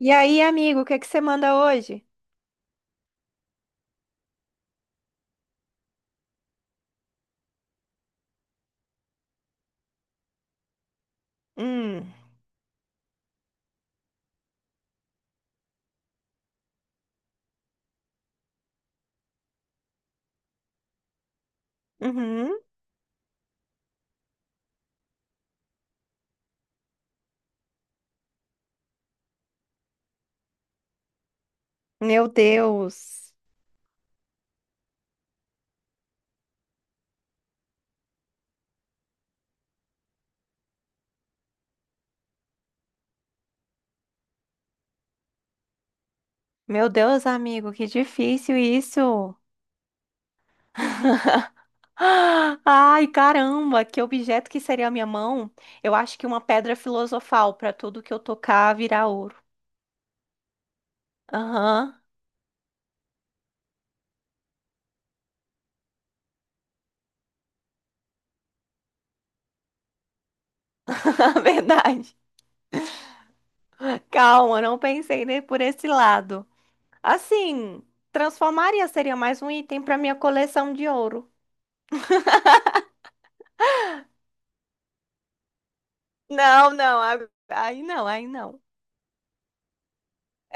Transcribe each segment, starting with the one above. E aí, amigo, o que que você manda hoje? Hum, uhum. Meu Deus. Meu Deus, amigo, que difícil isso. Ai, caramba, que objeto que seria a minha mão? Eu acho que uma pedra filosofal para tudo que eu tocar virar ouro. Aham, verdade. Calma, não pensei nem por esse lado. Assim, transformaria seria mais um item para minha coleção de ouro. Não, não, aí não, aí não.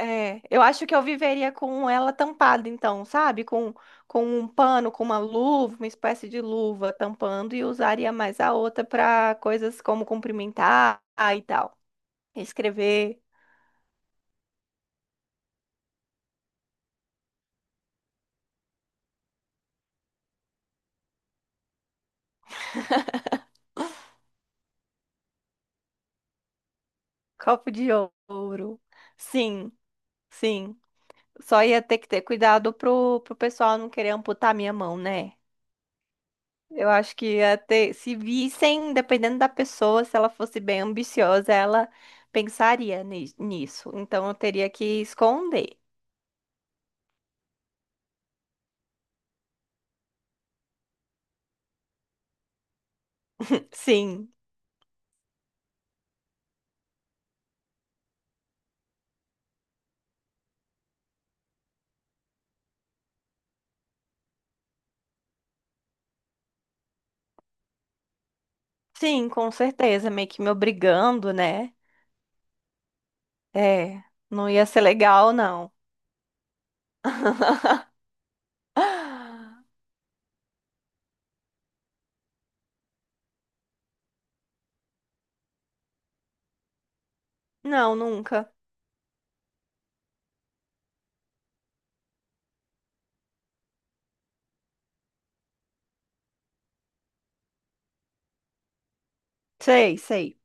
É, eu acho que eu viveria com ela tampada, então, sabe? Com um pano, com uma luva, uma espécie de luva tampando, e usaria mais a outra para coisas como cumprimentar e tal. Escrever copo de ouro. Sim, sim. Só ia ter que ter cuidado pro pessoal não querer amputar minha mão, né? Eu acho que ia ter, se vissem, dependendo da pessoa, se ela fosse bem ambiciosa, ela pensaria nisso. Então eu teria que esconder. Sim, sim, com certeza. Meio que me obrigando, né? É, não ia ser legal, não. Ah, não, nunca. Sei, sei.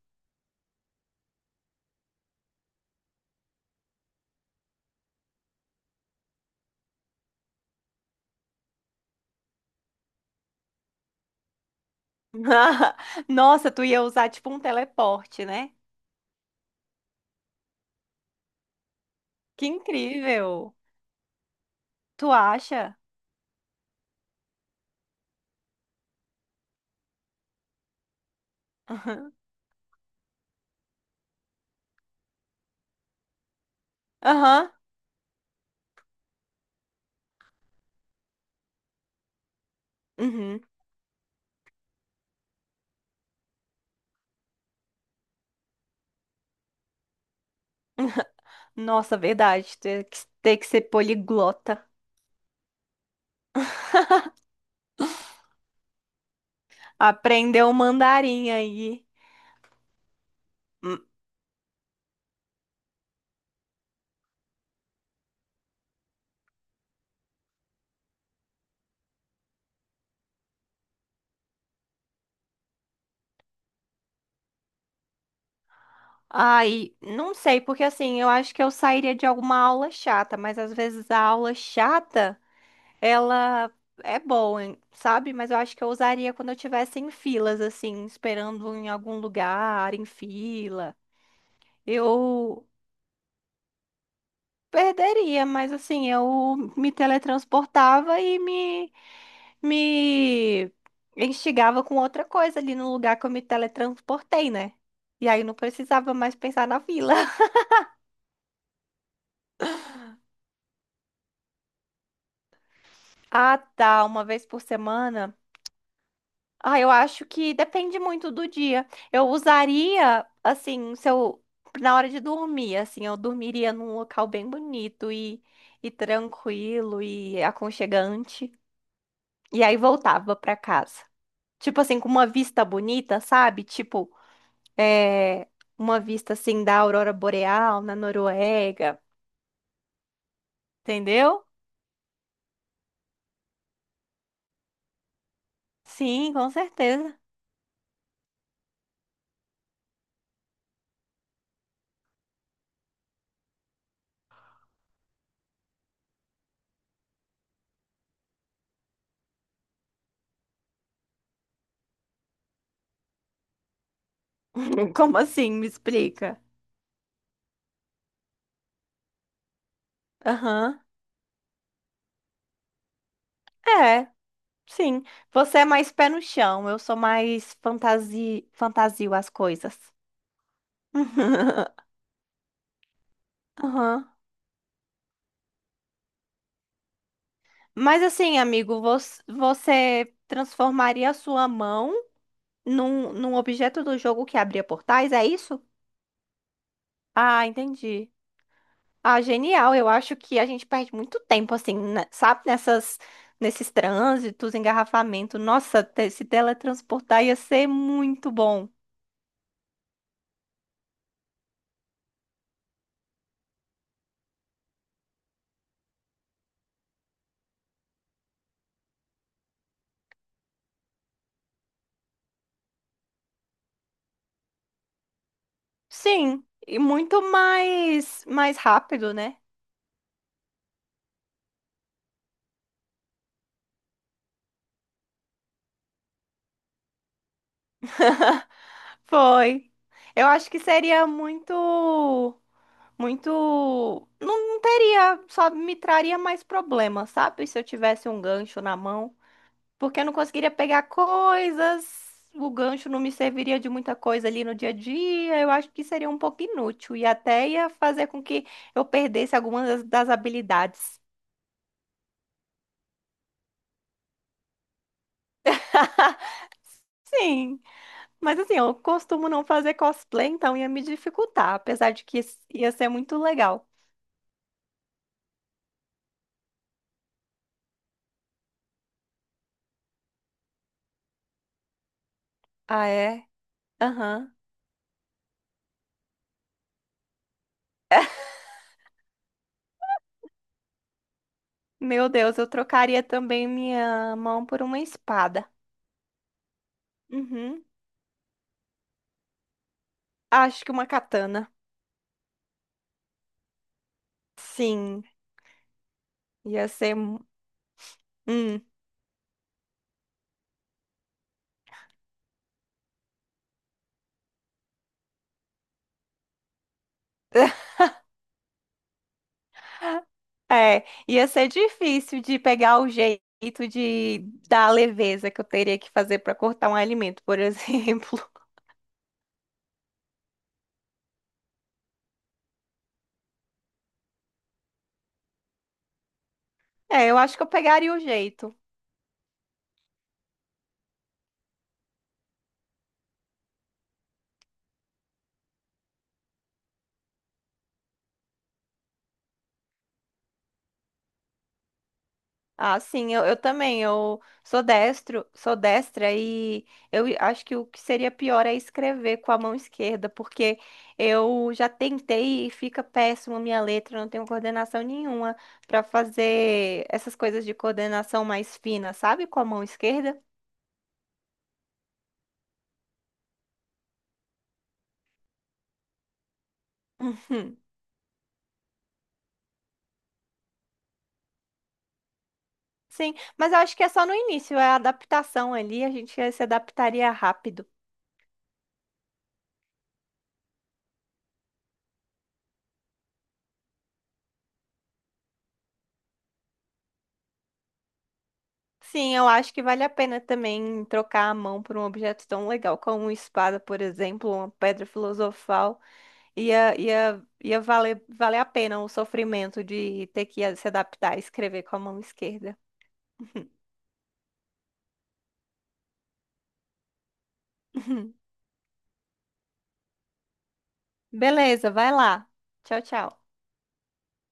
Nossa, tu ia usar tipo um teleporte, né? Que incrível. Tu acha? Aham. Aham. Uhum. Nossa, verdade. Ter que ser poliglota. Aprender o mandarim aí. Hum. Ai, não sei, porque assim, eu acho que eu sairia de alguma aula chata, mas às vezes a aula chata. Ela é boa, hein, sabe? Mas eu acho que eu usaria quando eu estivesse em filas, assim, esperando em algum lugar, em fila. Eu perderia, mas assim, eu me teletransportava e me instigava com outra coisa ali no lugar que eu me teletransportei, né? E aí não precisava mais pensar na fila. Ah, tá. Uma vez por semana. Ah, eu acho que depende muito do dia. Eu usaria, assim, se eu, na hora de dormir, assim, eu dormiria num local bem bonito e tranquilo e aconchegante. E aí voltava pra casa. Tipo assim, com uma vista bonita, sabe? Tipo, é, uma vista assim da aurora boreal na Noruega, entendeu? Sim, com certeza. Como assim? Me explica. Aham. É. Sim, você é mais pé no chão, eu sou mais fantasi... fantasio as coisas. Aham. Mas assim, amigo, você, você transformaria a sua mão num, num objeto do jogo que abria portais, é isso? Ah, entendi. Ah, genial. Eu acho que a gente perde muito tempo, assim, né, sabe? Nessas, nesses trânsitos, engarrafamento. Nossa, se teletransportar ia ser muito bom. Sim, e muito mais, mais rápido, né? Foi. Eu acho que seria muito, muito, não, não teria, só me traria mais problemas, sabe? Se eu tivesse um gancho na mão, porque eu não conseguiria pegar coisas, o gancho não me serviria de muita coisa ali no dia a dia. Eu acho que seria um pouco inútil e até ia fazer com que eu perdesse algumas das habilidades. Sim, mas assim, eu costumo não fazer cosplay, então ia me dificultar, apesar de que ia ser muito legal. Ah, é? Aham. Meu Deus, eu trocaria também minha mão por uma espada. Uhum. Acho que uma katana. Sim, ia ser. Hum. É, ia ser difícil de pegar o jeito de dar a leveza que eu teria que fazer para cortar um alimento, por exemplo. É, eu acho que eu pegaria o jeito. Ah, sim, eu também. Eu sou destro, sou destra e eu acho que o que seria pior é escrever com a mão esquerda, porque eu já tentei e fica péssimo a minha letra, eu não tenho coordenação nenhuma para fazer essas coisas de coordenação mais fina, sabe? Com a mão esquerda. Uhum. Sim, mas eu acho que é só no início, é a adaptação ali, a gente se adaptaria rápido. Sim, eu acho que vale a pena também trocar a mão por um objeto tão legal como uma espada, por exemplo, uma pedra filosofal. Ia valer, valer a pena o sofrimento de ter que se adaptar a escrever com a mão esquerda. Beleza, vai lá. Tchau, tchau.